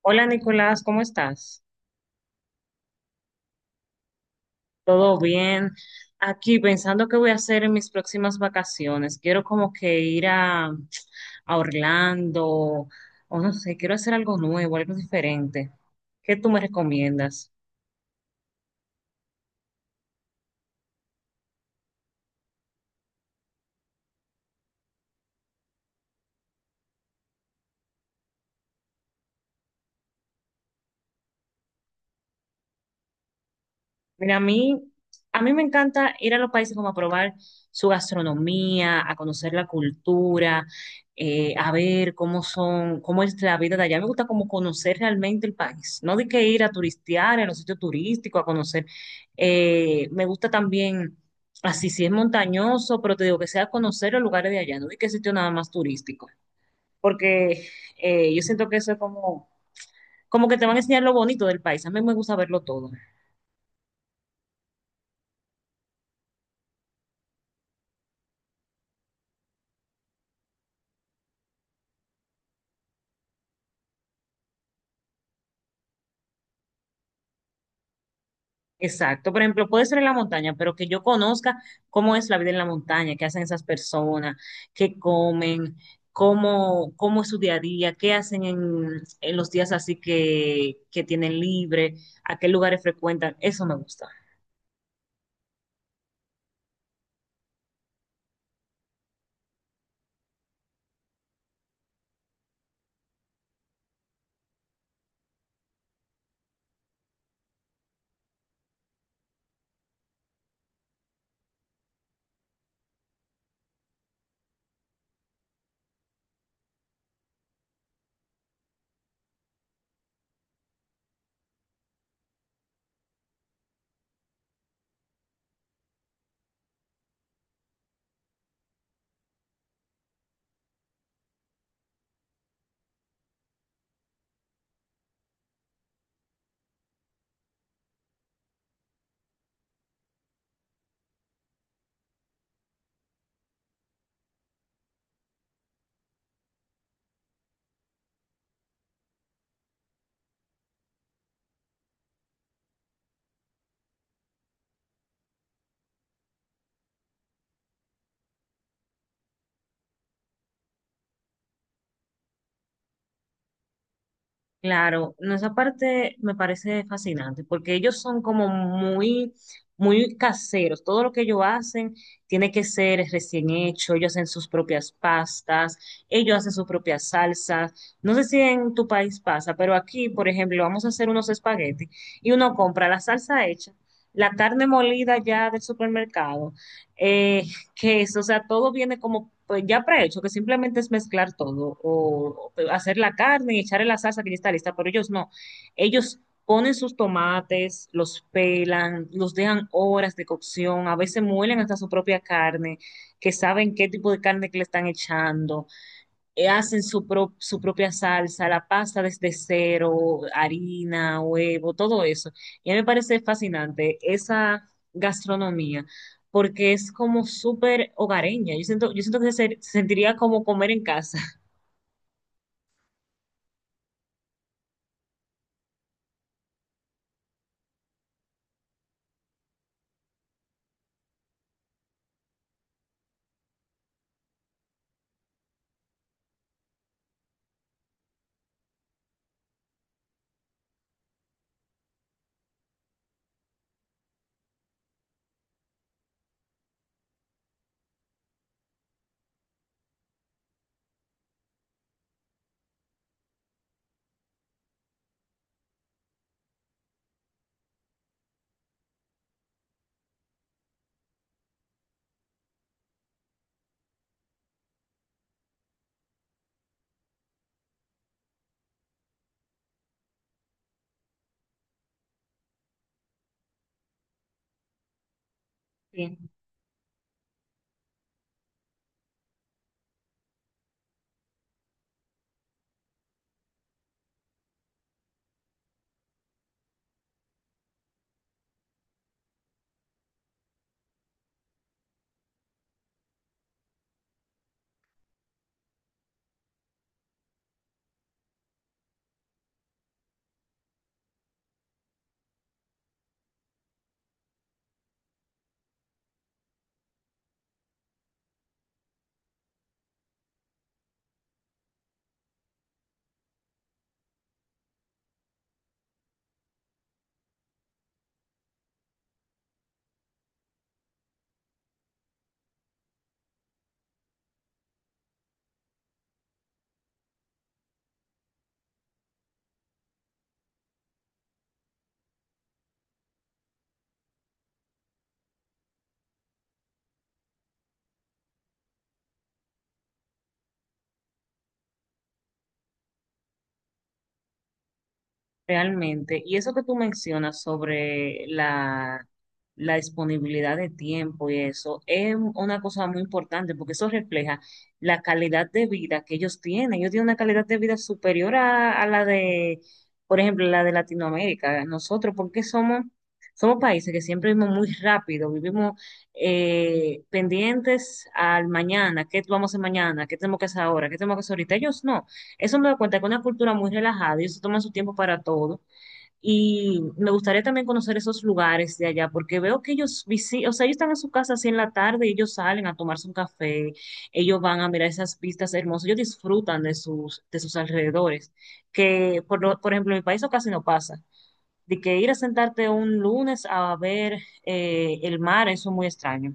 Hola, Nicolás, ¿cómo estás? ¿Todo bien? Aquí pensando qué voy a hacer en mis próximas vacaciones. Quiero como que ir a Orlando o no sé, quiero hacer algo nuevo, algo diferente. ¿Qué tú me recomiendas? Mira, a mí me encanta ir a los países como a probar su gastronomía, a conocer la cultura, a ver cómo son, cómo es la vida de allá. Me gusta como conocer realmente el país. No de que ir a turistear en los sitios turísticos, a conocer. Me gusta también, así si es montañoso, pero te digo que sea conocer los lugares de allá, no de que sitio nada más turístico. Porque yo siento que eso es como, como que te van a enseñar lo bonito del país. A mí me gusta verlo todo. Exacto, por ejemplo, puede ser en la montaña, pero que yo conozca cómo es la vida en la montaña, qué hacen esas personas, qué comen, cómo es su día a día, qué hacen en los días así que tienen libre, a qué lugares frecuentan, eso me gusta. Claro, no, esa parte me parece fascinante porque ellos son como muy caseros. Todo lo que ellos hacen tiene que ser recién hecho. Ellos hacen sus propias pastas, ellos hacen sus propias salsas. No sé si en tu país pasa, pero aquí, por ejemplo, vamos a hacer unos espaguetis y uno compra la salsa hecha, la carne molida ya del supermercado, eh, queso, o sea, todo viene como pues, ya prehecho, que simplemente es mezclar todo o hacer la carne y echarle la salsa que ya está lista, pero ellos no, ellos ponen sus tomates, los pelan, los dejan horas de cocción, a veces muelen hasta su propia carne, que saben qué tipo de carne que le están echando. Hacen su propia salsa, la pasta desde cero, harina, huevo, todo eso. Y a mí me parece fascinante esa gastronomía, porque es como súper hogareña. Yo siento que se sentiría como comer en casa. Realmente, y eso que tú mencionas sobre la disponibilidad de tiempo y eso, es una cosa muy importante porque eso refleja la calidad de vida que ellos tienen. Ellos tienen una calidad de vida superior a la de, por ejemplo, la de Latinoamérica. Nosotros, porque somos países que siempre vivimos muy rápido, vivimos pendientes al mañana, qué vamos a hacer mañana, qué tenemos que hacer ahora, qué tenemos que hacer ahorita. Ellos no. Eso me da cuenta que es una cultura muy relajada, ellos se toman su tiempo para todo. Y me gustaría también conocer esos lugares de allá, porque veo que ellos visitan, o sea, ellos están en su casa así en la tarde y ellos salen a tomarse un café, ellos van a mirar esas vistas hermosas, ellos disfrutan de de sus alrededores, que por ejemplo en mi país eso casi no pasa. De que ir a sentarte un lunes a ver el mar, eso es muy extraño.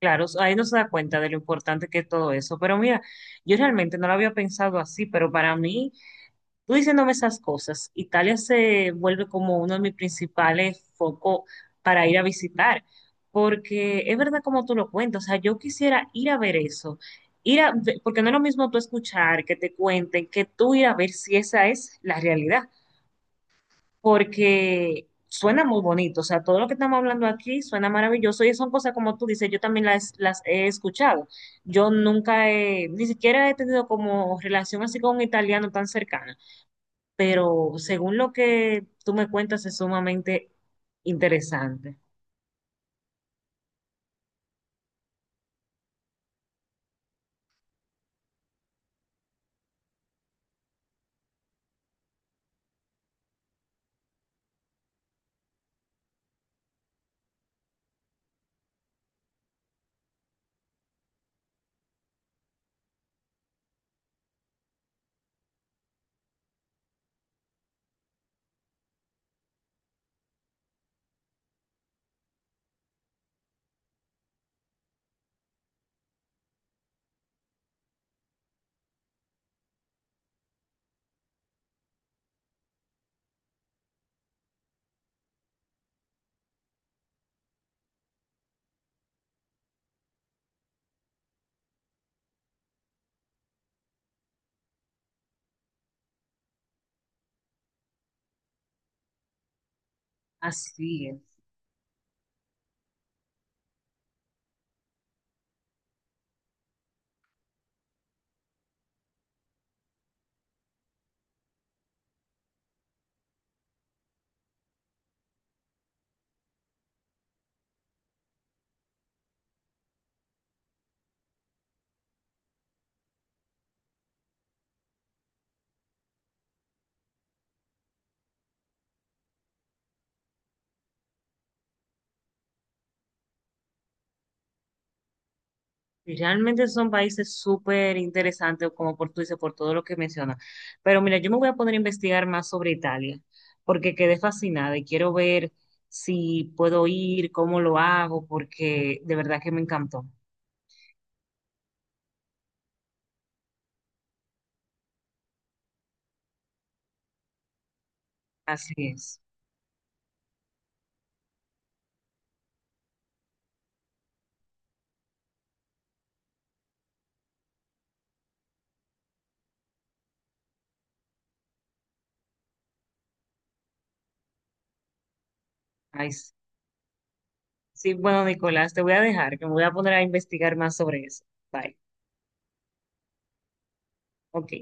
Claro, ahí no se da cuenta de lo importante que es todo eso. Pero mira, yo realmente no lo había pensado así, pero para mí tú diciéndome esas cosas, Italia se vuelve como uno de mis principales focos para ir a visitar, porque es verdad como tú lo cuentas, o sea, yo quisiera ir a ver eso, porque no es lo mismo tú escuchar, que te cuenten, que tú ir a ver si esa es la realidad, porque suena muy bonito, o sea, todo lo que estamos hablando aquí suena maravilloso y son cosas como tú dices, yo también las he escuchado, yo nunca he, ni siquiera he tenido como relación así con un italiano tan cercana, pero según lo que tú me cuentas es sumamente interesante. Así es. Y realmente son países súper interesantes, como por tú dices, por todo lo que mencionas. Pero mira, yo me voy a poner a investigar más sobre Italia, porque quedé fascinada y quiero ver si puedo ir, cómo lo hago, porque de verdad que me encantó. Así es. Ay, sí, sí, bueno, Nicolás, te voy a dejar, que me voy a poner a investigar más sobre eso. Bye. Ok.